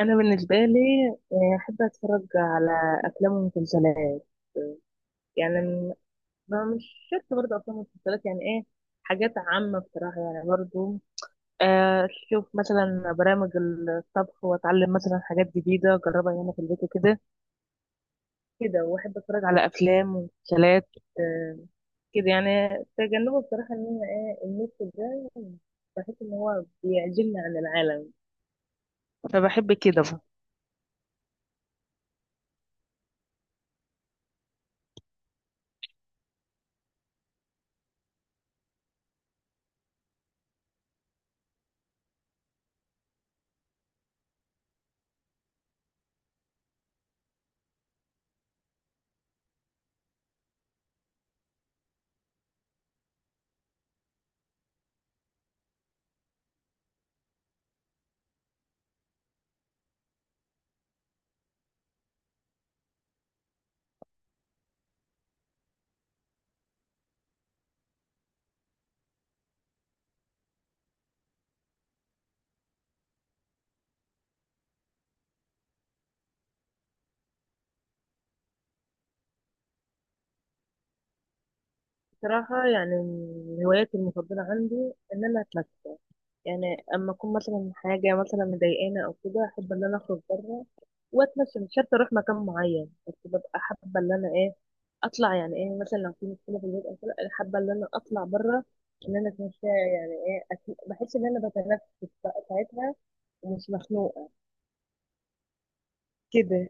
انا بالنسبه لي، احب اتفرج على افلام ومسلسلات. يعني ما مش شرط برضه افلام ومسلسلات، يعني ايه، حاجات عامه بصراحه، يعني برضه اشوف مثلا برامج الطبخ واتعلم مثلا حاجات جديده اجربها هنا في البيت وكده. كده، واحب اتفرج على افلام ومسلسلات. آه، كده يعني. تجنبه بصراحه ان انا ايه، النت ده، بحس ان هو بيعزلني عن العالم، فبحب كده. بصراحه، يعني من هواياتي المفضله عندي ان انا اتمشى. يعني اما اكون مثلا حاجه مثلا مضايقاني او كده، احب ان انا اخرج بره واتمشى. مش شرط اروح مكان معين، بس ببقى حابه ان انا ايه، اطلع، يعني ايه، مثلا لو في مشكله في البيت او كده، انا حابه ان انا اطلع بره، ان انا اتمشى، يعني ايه، بحس ان انا بتنفس بقى ساعتها ومش مخنوقه كده.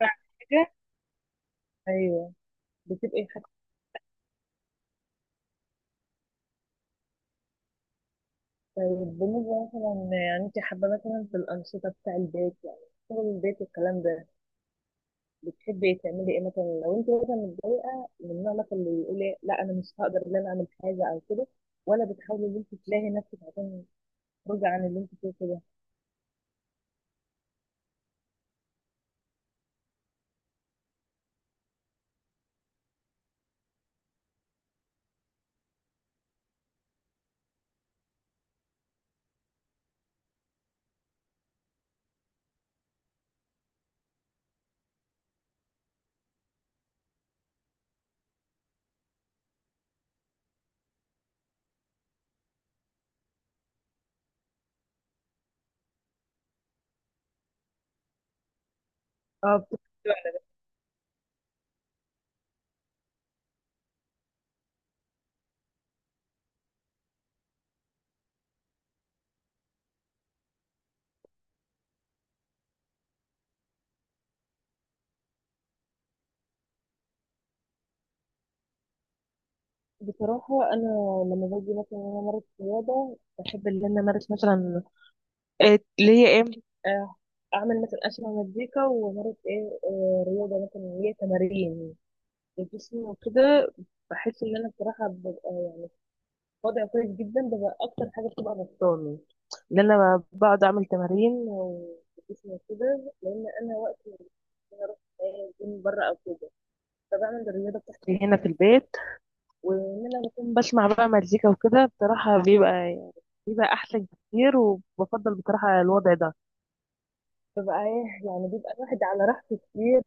حاجه، ايوه، بتبقى حاجه. طيب، بالنسبه مثلا، يعني انت حابه مثلا في الانشطه بتاع البيت، يعني شغل البيت والكلام ده، بتحبي تعملي ايه؟ مثلا لو انت مثلا متضايقه، من النوع مثلا اللي يقول لا، انا مش هقدر ان انا اعمل حاجه او كده، ولا بتحاولي ان انت تلاقي نفسك عشان تخرجي عن اللي انت فيه كده؟ اه، بصراحه انا لما باجي مثلا ان انا امارس رياضه، بحب ان انا امارس مثلا إيه اللي هي ايه، آه، اعمل مثلا اسمع مزيكا وامارس ايه، رياضه مثلا اللي هي تمارين الجسم وكده. بحس ان انا بصراحه ببقى وضع كويس جدا، ده بقى اكتر حاجه بتبقى نقصاني، ان انا بقعد اعمل تمارين وجسمي كده، لان انا وقت ما بكون اروح جيم بره او كده، فبعمل الرياضه بتاعتي هنا في البيت. وان انا بكون بسمع بقى مزيكا وكده، بصراحه بيبقى، يعني بيبقى احسن كتير، وبفضل بصراحه الوضع ده. ببقى ايه، يعني بيبقى الواحد على راحته كتير،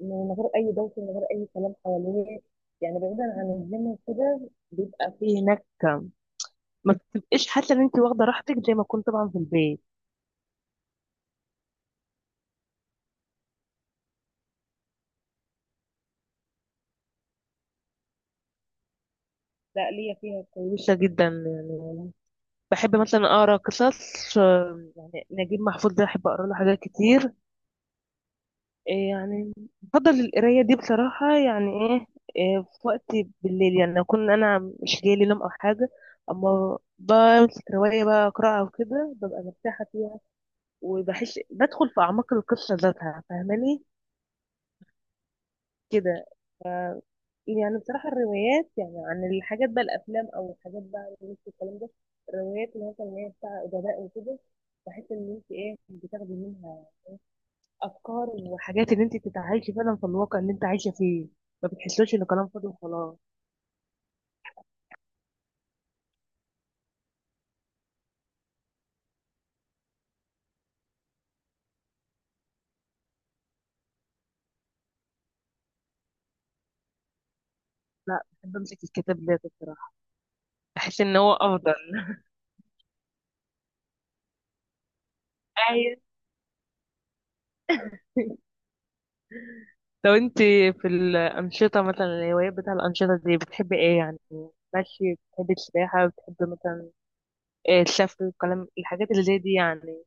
من غير اي دوشه، من غير اي كلام حواليه، يعني بعيدا عن الجيم وكده. بيبقى فيه هناك ما تبقيش حاسه ان انت واخده راحتك زي ما كنت طبعا في البيت. لا، ليا فيها كويسه جدا يعني. بحب مثلا اقرا قصص، يعني نجيب محفوظ ده احب اقرا له حاجات كتير، إيه يعني. بفضل القرايه دي بصراحه، يعني ايه، إيه، في وقت بالليل، يعني اكون انا مش جاي لي نوم او حاجه، اما بمسك روايه بقى اقراها وكده، ببقى مرتاحه فيها، وبحس بدخل في اعماق القصه ذاتها، فاهماني؟ كده. ف... يعني بصراحة الروايات، يعني عن الحاجات بقى، الأفلام أو الحاجات بقى اللي انت الكلام ده، الروايات اللي مثلا هي بتاع أدباء وكده، بحس إن أنت إيه، بتاخدي منها أفكار وحاجات، إن أنت تتعايشي فعلا في الواقع اللي أنت عايشة فيه، ما بتحسوش إن كلام فاضي وخلاص. لا، بحب أمسك الكتاب ده بصراحة، بحس إن هو أفضل. عايز. لو أنت في الأنشطة مثلا، الهوايات بتاع الأنشطة دي، بتحبي إيه يعني؟ ماشي، بتحبي السباحة، بتحبي مثلا الشفوي والكلام، الحاجات اللي زي دي يعني.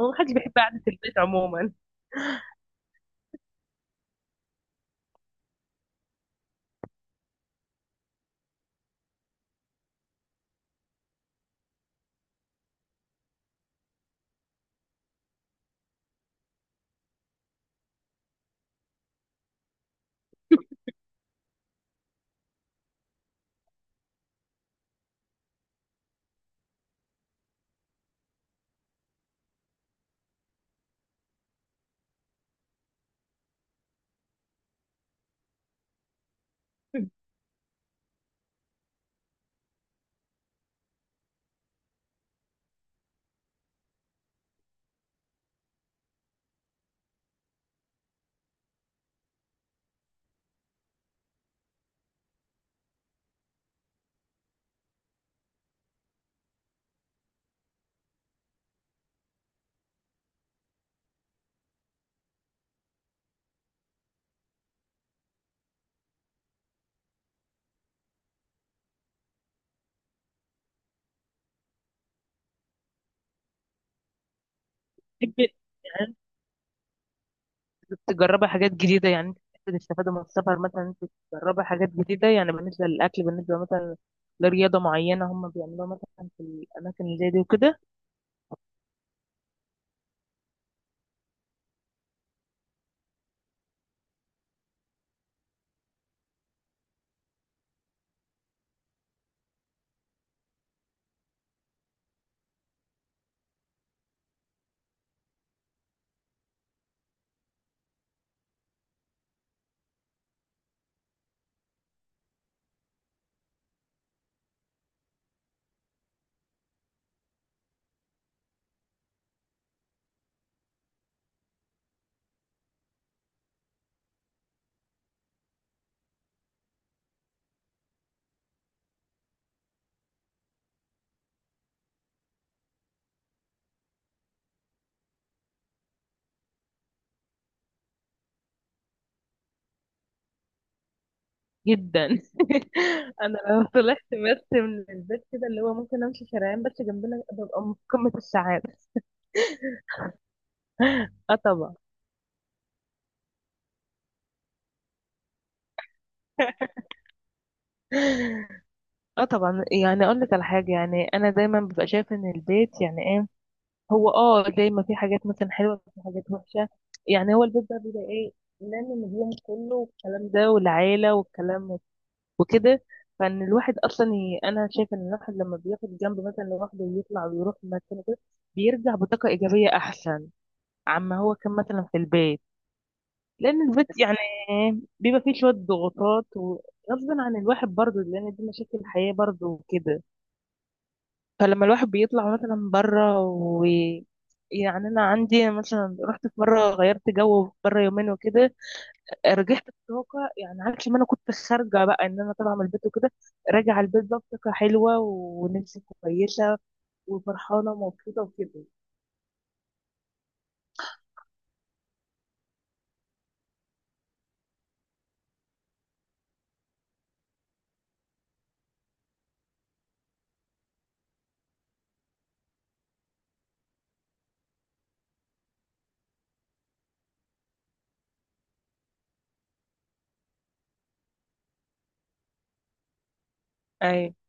هو محدش بيحب قعدة البيت عموما. بتحب يعني أنت تجربي حاجات جديدة، يعني أنت بتحب تستفادي من السفر، مثلا أنت تجربي حاجات جديدة، يعني بالنسبة للأكل، بالنسبة مثلا لرياضة معينة هم بيعملوها مثلا في الأماكن اللي زي دي وكده. جدا. أنا لو طلعت بس من البيت كده، اللي هو ممكن أمشي شارعين بس جنبنا، ببقى في قمة السعادة. أه طبعا. اه طبعا، يعني اقول لك على حاجه، يعني انا دايما ببقى شايفه ان البيت يعني ايه، هو اه دايما في حاجات مثلا حلوه، في حاجات وحشه، يعني هو البيت ده بيبقى ايه، لان النجوم كله والكلام ده والعيله والكلام وكده. فان الواحد اصلا انا شايفه ان الواحد لما بياخد جنب مثلا لوحده ويطلع ويروح مكان كده، بيرجع بطاقه ايجابيه احسن عما هو كان مثلا في البيت. لان البيت يعني بيبقى فيه شويه ضغوطات وغصب عن الواحد برضه، لان دي مشاكل الحياه برضه وكده. فلما الواحد بيطلع مثلا بره يعني انا عندي مثلا رحت في مره، غيرت جو بره يومين وكده، رجعت بطاقه يعني عكس ما انا كنت خارجه، بقى ان انا طالعه من البيت وكده، راجعه البيت بقى بطاقه حلوه ونفسي كويسه وفرحانه ومبسوطه وكده. أيوة.